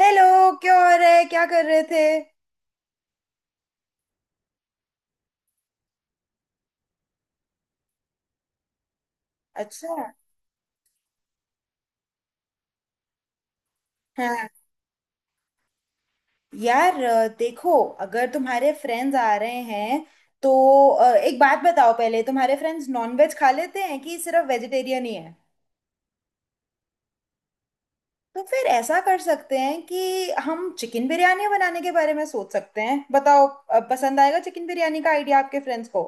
Hello. क्या हो रहा है? क्या कर रहे थे? अच्छा। हाँ। यार देखो। अगर तुम्हारे फ्रेंड्स आ रहे हैं तो एक बात बताओ, पहले तुम्हारे फ्रेंड्स नॉनवेज खा लेते हैं कि सिर्फ वेजिटेरियन ही है? तो फिर ऐसा कर सकते हैं कि हम चिकन बिरयानी बनाने के बारे में सोच सकते हैं। बताओ पसंद आएगा चिकन बिरयानी का आइडिया आपके फ्रेंड्स को?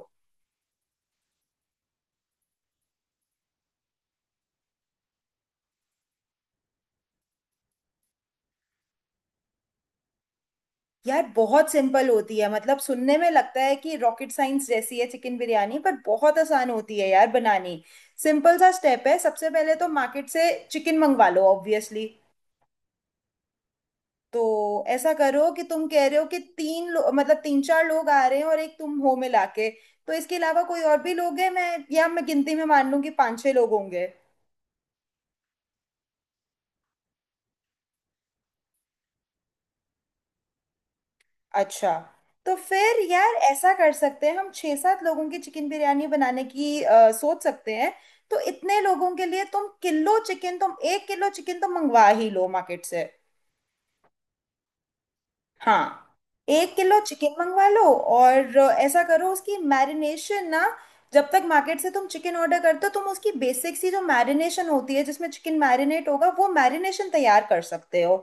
यार बहुत सिंपल होती है। मतलब सुनने में लगता है कि रॉकेट साइंस जैसी है चिकन बिरयानी, पर बहुत आसान होती है यार बनानी। सिंपल सा स्टेप है। सबसे पहले तो मार्केट से चिकन मंगवा लो ऑब्वियसली। तो ऐसा करो, कि तुम कह रहे हो कि मतलब तीन चार लोग आ रहे हैं और एक तुम हो मिला के। तो इसके अलावा कोई और भी लोग हैं? मैं या मैं गिनती में मान लूं कि पाँच छह लोग होंगे? अच्छा। तो फिर यार ऐसा कर सकते हैं हम छह सात लोगों की चिकन बिरयानी बनाने की सोच सकते हैं। तो इतने लोगों के लिए तुम 1 किलो चिकन तो मंगवा ही लो मार्केट से। हाँ। 1 किलो चिकन मंगवा लो, और ऐसा करो उसकी मैरिनेशन ना। जब तक मार्केट से तुम चिकन ऑर्डर करते हो, तुम उसकी बेसिक सी जो मैरिनेशन होती है, जिसमें चिकन मैरिनेट होगा, वो मैरिनेशन तैयार कर सकते हो।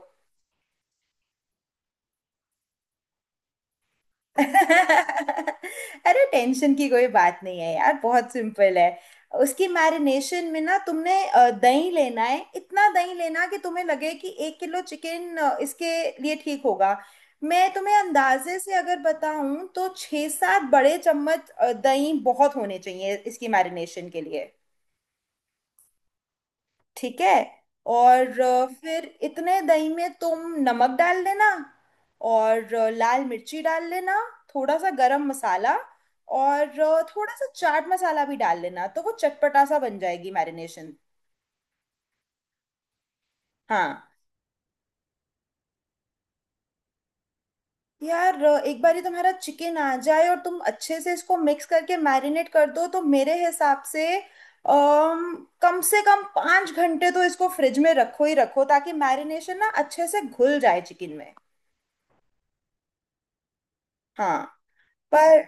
अरे टेंशन की कोई बात नहीं है यार, बहुत सिंपल है। उसकी मैरिनेशन में ना तुमने दही लेना है। इतना दही लेना कि तुम्हें लगे कि 1 किलो चिकन इसके लिए ठीक होगा। मैं तुम्हें अंदाजे से अगर बताऊं तो 6-7 बड़े चम्मच दही बहुत होने चाहिए इसकी मैरिनेशन के लिए। ठीक है। और फिर इतने दही में तुम नमक डाल देना, और लाल मिर्ची डाल लेना, थोड़ा सा गरम मसाला, और थोड़ा सा चाट मसाला भी डाल लेना। तो वो चटपटा सा बन जाएगी मैरिनेशन। हाँ। यार एक बार ही तुम्हारा चिकन आ जाए और तुम अच्छे से इसको मिक्स करके मैरिनेट कर दो, तो मेरे हिसाब से अम, कम से कम 5 घंटे तो इसको फ्रिज में रखो ही रखो, ताकि मैरिनेशन ना अच्छे से घुल जाए चिकन में। हाँ। पर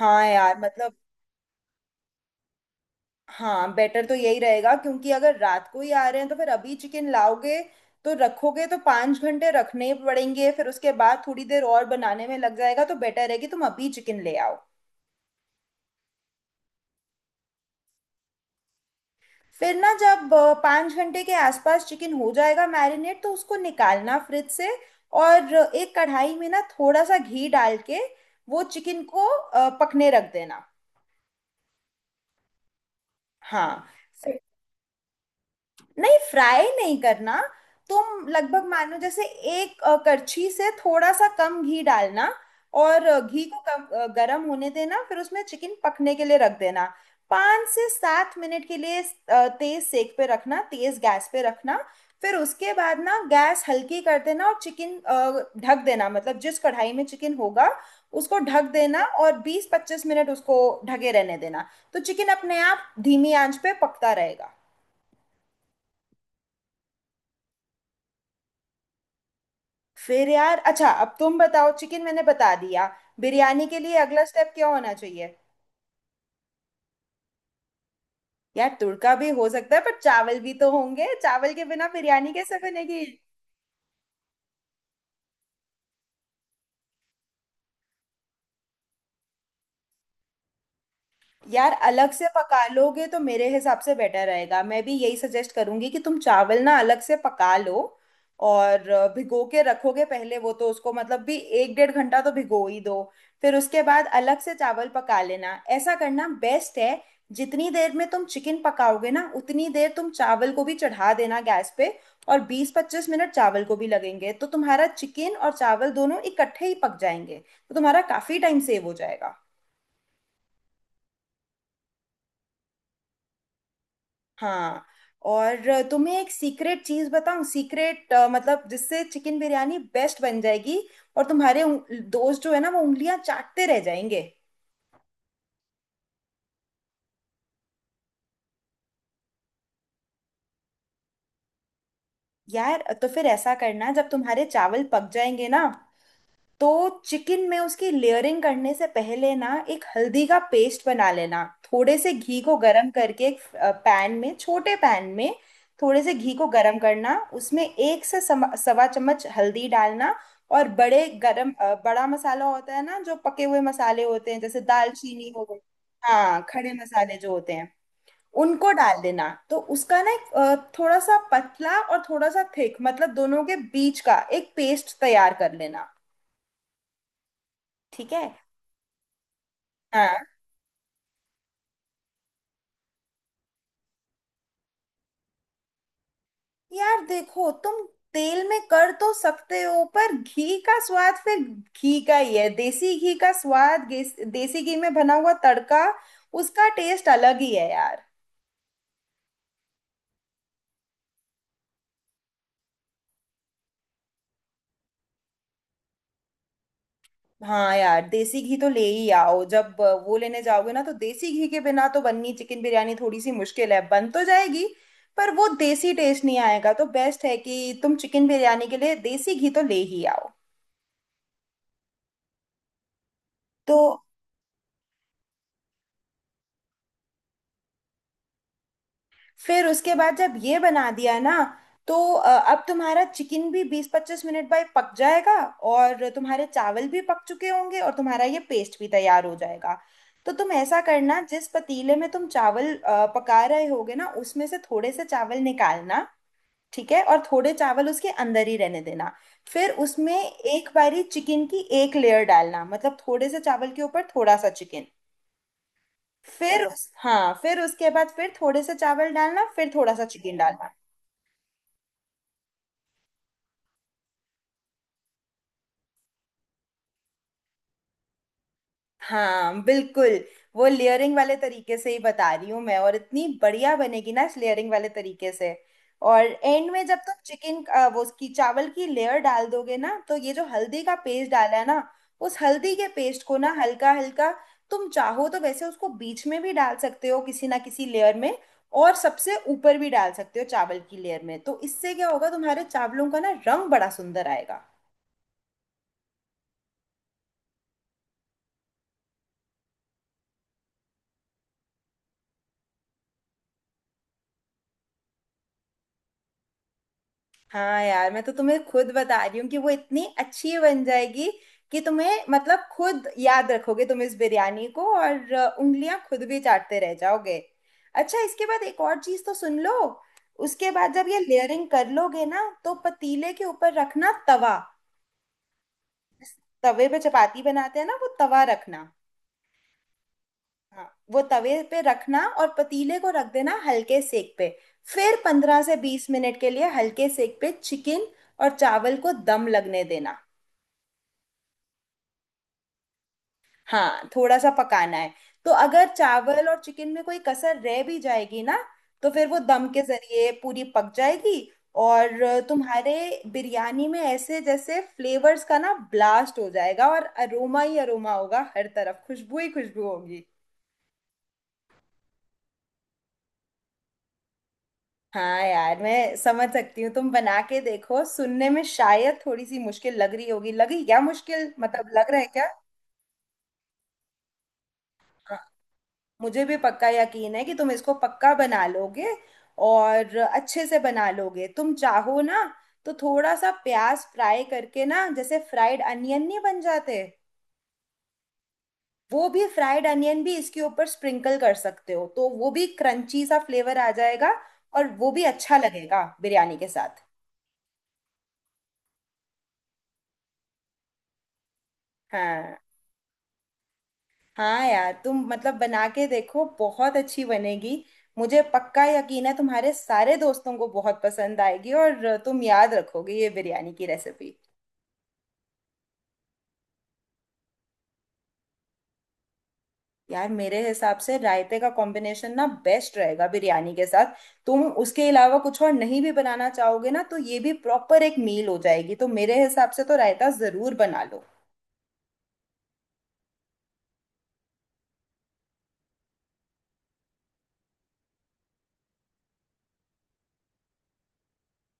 हाँ यार मतलब। हाँ, बेटर तो यही रहेगा, क्योंकि अगर रात को ही आ रहे हैं तो फिर अभी चिकन लाओगे, तो रखोगे तो 5 घंटे रखने पड़ेंगे, फिर उसके बाद थोड़ी देर और बनाने में लग जाएगा, तो बेटर है कि तुम अभी चिकन ले आओ। फिर ना जब 5 घंटे के आसपास चिकन हो जाएगा मैरिनेट, तो उसको निकालना फ्रिज से, और एक कढ़ाई में ना थोड़ा सा घी डाल के वो चिकन को पकने रख देना। हाँ। नहीं फ्राई नहीं करना। तुम लगभग मानो जैसे एक करछी से थोड़ा सा कम घी डालना, और घी को कम गर्म होने देना, फिर उसमें चिकन पकने के लिए रख देना 5 से 7 मिनट के लिए। तेज सेक पे रखना, तेज गैस पे रखना। फिर उसके बाद ना गैस हल्की कर देना, और चिकन ढक देना, मतलब जिस कढ़ाई में चिकन होगा उसको ढक देना, और 20-25 मिनट उसको ढके रहने देना। तो चिकन अपने आप धीमी आंच पे पकता रहेगा। फिर यार, अच्छा अब तुम बताओ, चिकन मैंने बता दिया, बिरयानी के लिए अगला स्टेप क्या होना चाहिए? यार तुड़का भी हो सकता है, पर चावल भी तो होंगे, चावल के बिना बिरयानी कैसे बनेगी? यार अलग से पका लोगे तो मेरे हिसाब से बेटर रहेगा। मैं भी यही सजेस्ट करूंगी कि तुम चावल ना अलग से पका लो, और भिगो के रखोगे पहले वो, तो उसको मतलब भी 1-1.5 घंटा तो भिगो ही दो। फिर उसके बाद अलग से चावल पका लेना, ऐसा करना बेस्ट है। जितनी देर में तुम चिकन पकाओगे ना, उतनी देर तुम चावल को भी चढ़ा देना गैस पे। और 20-25 मिनट चावल को भी लगेंगे, तो तुम्हारा चिकन और चावल दोनों इकट्ठे ही पक जाएंगे, तो तुम्हारा काफी टाइम सेव हो जाएगा। हाँ। और तुम्हें एक सीक्रेट चीज बताऊं? सीक्रेट मतलब जिससे चिकन बिरयानी बेस्ट बन जाएगी, और तुम्हारे दोस्त जो है ना वो उंगलियां चाटते रह जाएंगे। यार तो फिर ऐसा करना, जब तुम्हारे चावल पक जाएंगे ना तो चिकन में उसकी लेयरिंग करने से पहले ना एक हल्दी का पेस्ट बना लेना। थोड़े से घी को गरम करके एक पैन में, छोटे पैन में थोड़े से घी को गरम करना, उसमें एक से 1.25 चम्मच हल्दी डालना। और बड़े गरम बड़ा मसाला होता है ना, जो पके हुए मसाले होते हैं जैसे दालचीनी हो गई। हाँ, खड़े मसाले जो होते हैं, उनको डाल देना। तो उसका ना एक थोड़ा सा पतला और थोड़ा सा थिक, मतलब दोनों के बीच का एक पेस्ट तैयार कर लेना। ठीक है। हाँ। यार देखो तुम, तेल में कर तो सकते हो पर घी का स्वाद फिर घी का ही है। देसी घी का स्वाद देसी घी में बना हुआ तड़का, उसका टेस्ट अलग ही है यार। हाँ, यार देसी घी तो ले ही आओ। जब वो लेने जाओगे ना तो देसी घी के बिना तो बननी चिकन बिरयानी थोड़ी सी मुश्किल है, बन तो जाएगी पर वो देसी टेस्ट नहीं आएगा, तो बेस्ट है कि तुम चिकन बिरयानी के लिए देसी घी तो ले ही आओ। तो फिर उसके बाद जब ये बना दिया ना, तो अब तुम्हारा चिकन भी 20-25 मिनट बाद पक जाएगा, और तुम्हारे चावल भी पक चुके होंगे, और तुम्हारा ये पेस्ट भी तैयार हो जाएगा। तो तुम ऐसा करना, जिस पतीले में तुम चावल पका रहे होगे ना, उसमें से थोड़े से चावल निकालना। ठीक है। और थोड़े चावल उसके अंदर ही रहने देना। फिर उसमें एक बारी चिकन की एक लेयर डालना, मतलब थोड़े से चावल के ऊपर थोड़ा सा चिकन। फिर हाँ, फिर उसके बाद फिर थोड़े से चावल डालना, फिर थोड़ा सा चिकन डालना। हाँ बिल्कुल। वो लेयरिंग वाले तरीके से ही बता रही हूँ मैं, और इतनी बढ़िया बनेगी ना इस लेयरिंग वाले तरीके से। और एंड में जब तुम चिकन वो उसकी चावल की लेयर डाल दोगे ना, तो ये जो हल्दी का पेस्ट डाला है ना, उस हल्दी के पेस्ट को ना हल्का हल्का, तुम चाहो तो वैसे उसको बीच में भी डाल सकते हो किसी ना किसी लेयर में, और सबसे ऊपर भी डाल सकते हो चावल की लेयर में। तो इससे क्या होगा, तुम्हारे चावलों का ना रंग बड़ा सुंदर आएगा। हाँ यार, मैं तो तुम्हें खुद बता रही हूँ कि वो इतनी अच्छी बन जाएगी, कि तुम्हें मतलब खुद याद रखोगे तुम इस बिरयानी को, और उंगलियां खुद भी चाटते रह जाओगे। अच्छा, इसके बाद एक और चीज तो सुन लो। उसके बाद जब ये लेयरिंग कर लोगे ना, तो पतीले के ऊपर रखना तवा। तवे पे चपाती बनाते हैं ना, वो तवा रखना। हाँ। वो तवे पे रखना और पतीले को रख देना हल्के सेक पे, फिर 15 से 20 मिनट के लिए हल्के सेक पे चिकन और चावल को दम लगने देना। हाँ, थोड़ा सा पकाना है। तो अगर चावल और चिकन में कोई कसर रह भी जाएगी ना, तो फिर वो दम के जरिए पूरी पक जाएगी। और तुम्हारे बिरयानी में ऐसे जैसे फ्लेवर्स का ना ब्लास्ट हो जाएगा, और अरोमा ही अरोमा होगा, हर तरफ खुशबू ही खुशबू होगी। हाँ यार मैं समझ सकती हूँ। तुम बना के देखो, सुनने में शायद थोड़ी सी मुश्किल लग रही होगी, लगी क्या मुश्किल, मतलब लग रहा है क्या? मुझे भी पक्का यकीन है कि तुम इसको पक्का बना लोगे, और अच्छे से बना लोगे। तुम चाहो ना तो थोड़ा सा प्याज फ्राई करके ना, जैसे फ्राइड अनियन नहीं बन जाते, वो भी फ्राइड अनियन भी इसके ऊपर स्प्रिंकल कर सकते हो, तो वो भी क्रंची सा फ्लेवर आ जाएगा, और वो भी अच्छा लगेगा बिरयानी के साथ। हाँ हाँ। यार तुम मतलब बना के देखो, बहुत अच्छी बनेगी। मुझे पक्का यकीन है, तुम्हारे सारे दोस्तों को बहुत पसंद आएगी, और तुम याद रखोगे ये बिरयानी की रेसिपी। यार मेरे हिसाब से रायते का कॉम्बिनेशन ना बेस्ट रहेगा बिरयानी के साथ। तुम उसके अलावा कुछ और नहीं भी बनाना चाहोगे ना, तो ये भी प्रॉपर एक मील हो जाएगी, तो मेरे हिसाब से तो रायता जरूर बना लो।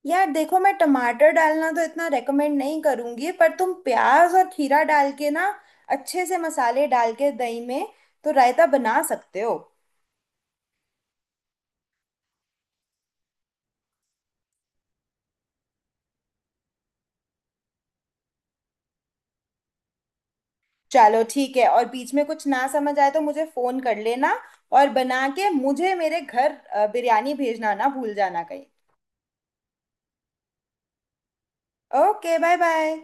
यार देखो, मैं टमाटर डालना तो इतना रेकमेंड नहीं करूंगी, पर तुम प्याज और खीरा डाल के ना अच्छे से मसाले डाल के दही में, तो रायता बना सकते हो। चलो ठीक है, और बीच में कुछ ना समझ आए तो मुझे फोन कर लेना, और बना के मुझे मेरे घर बिरयानी भेजना ना भूल जाना कहीं। ओके। Bye bye.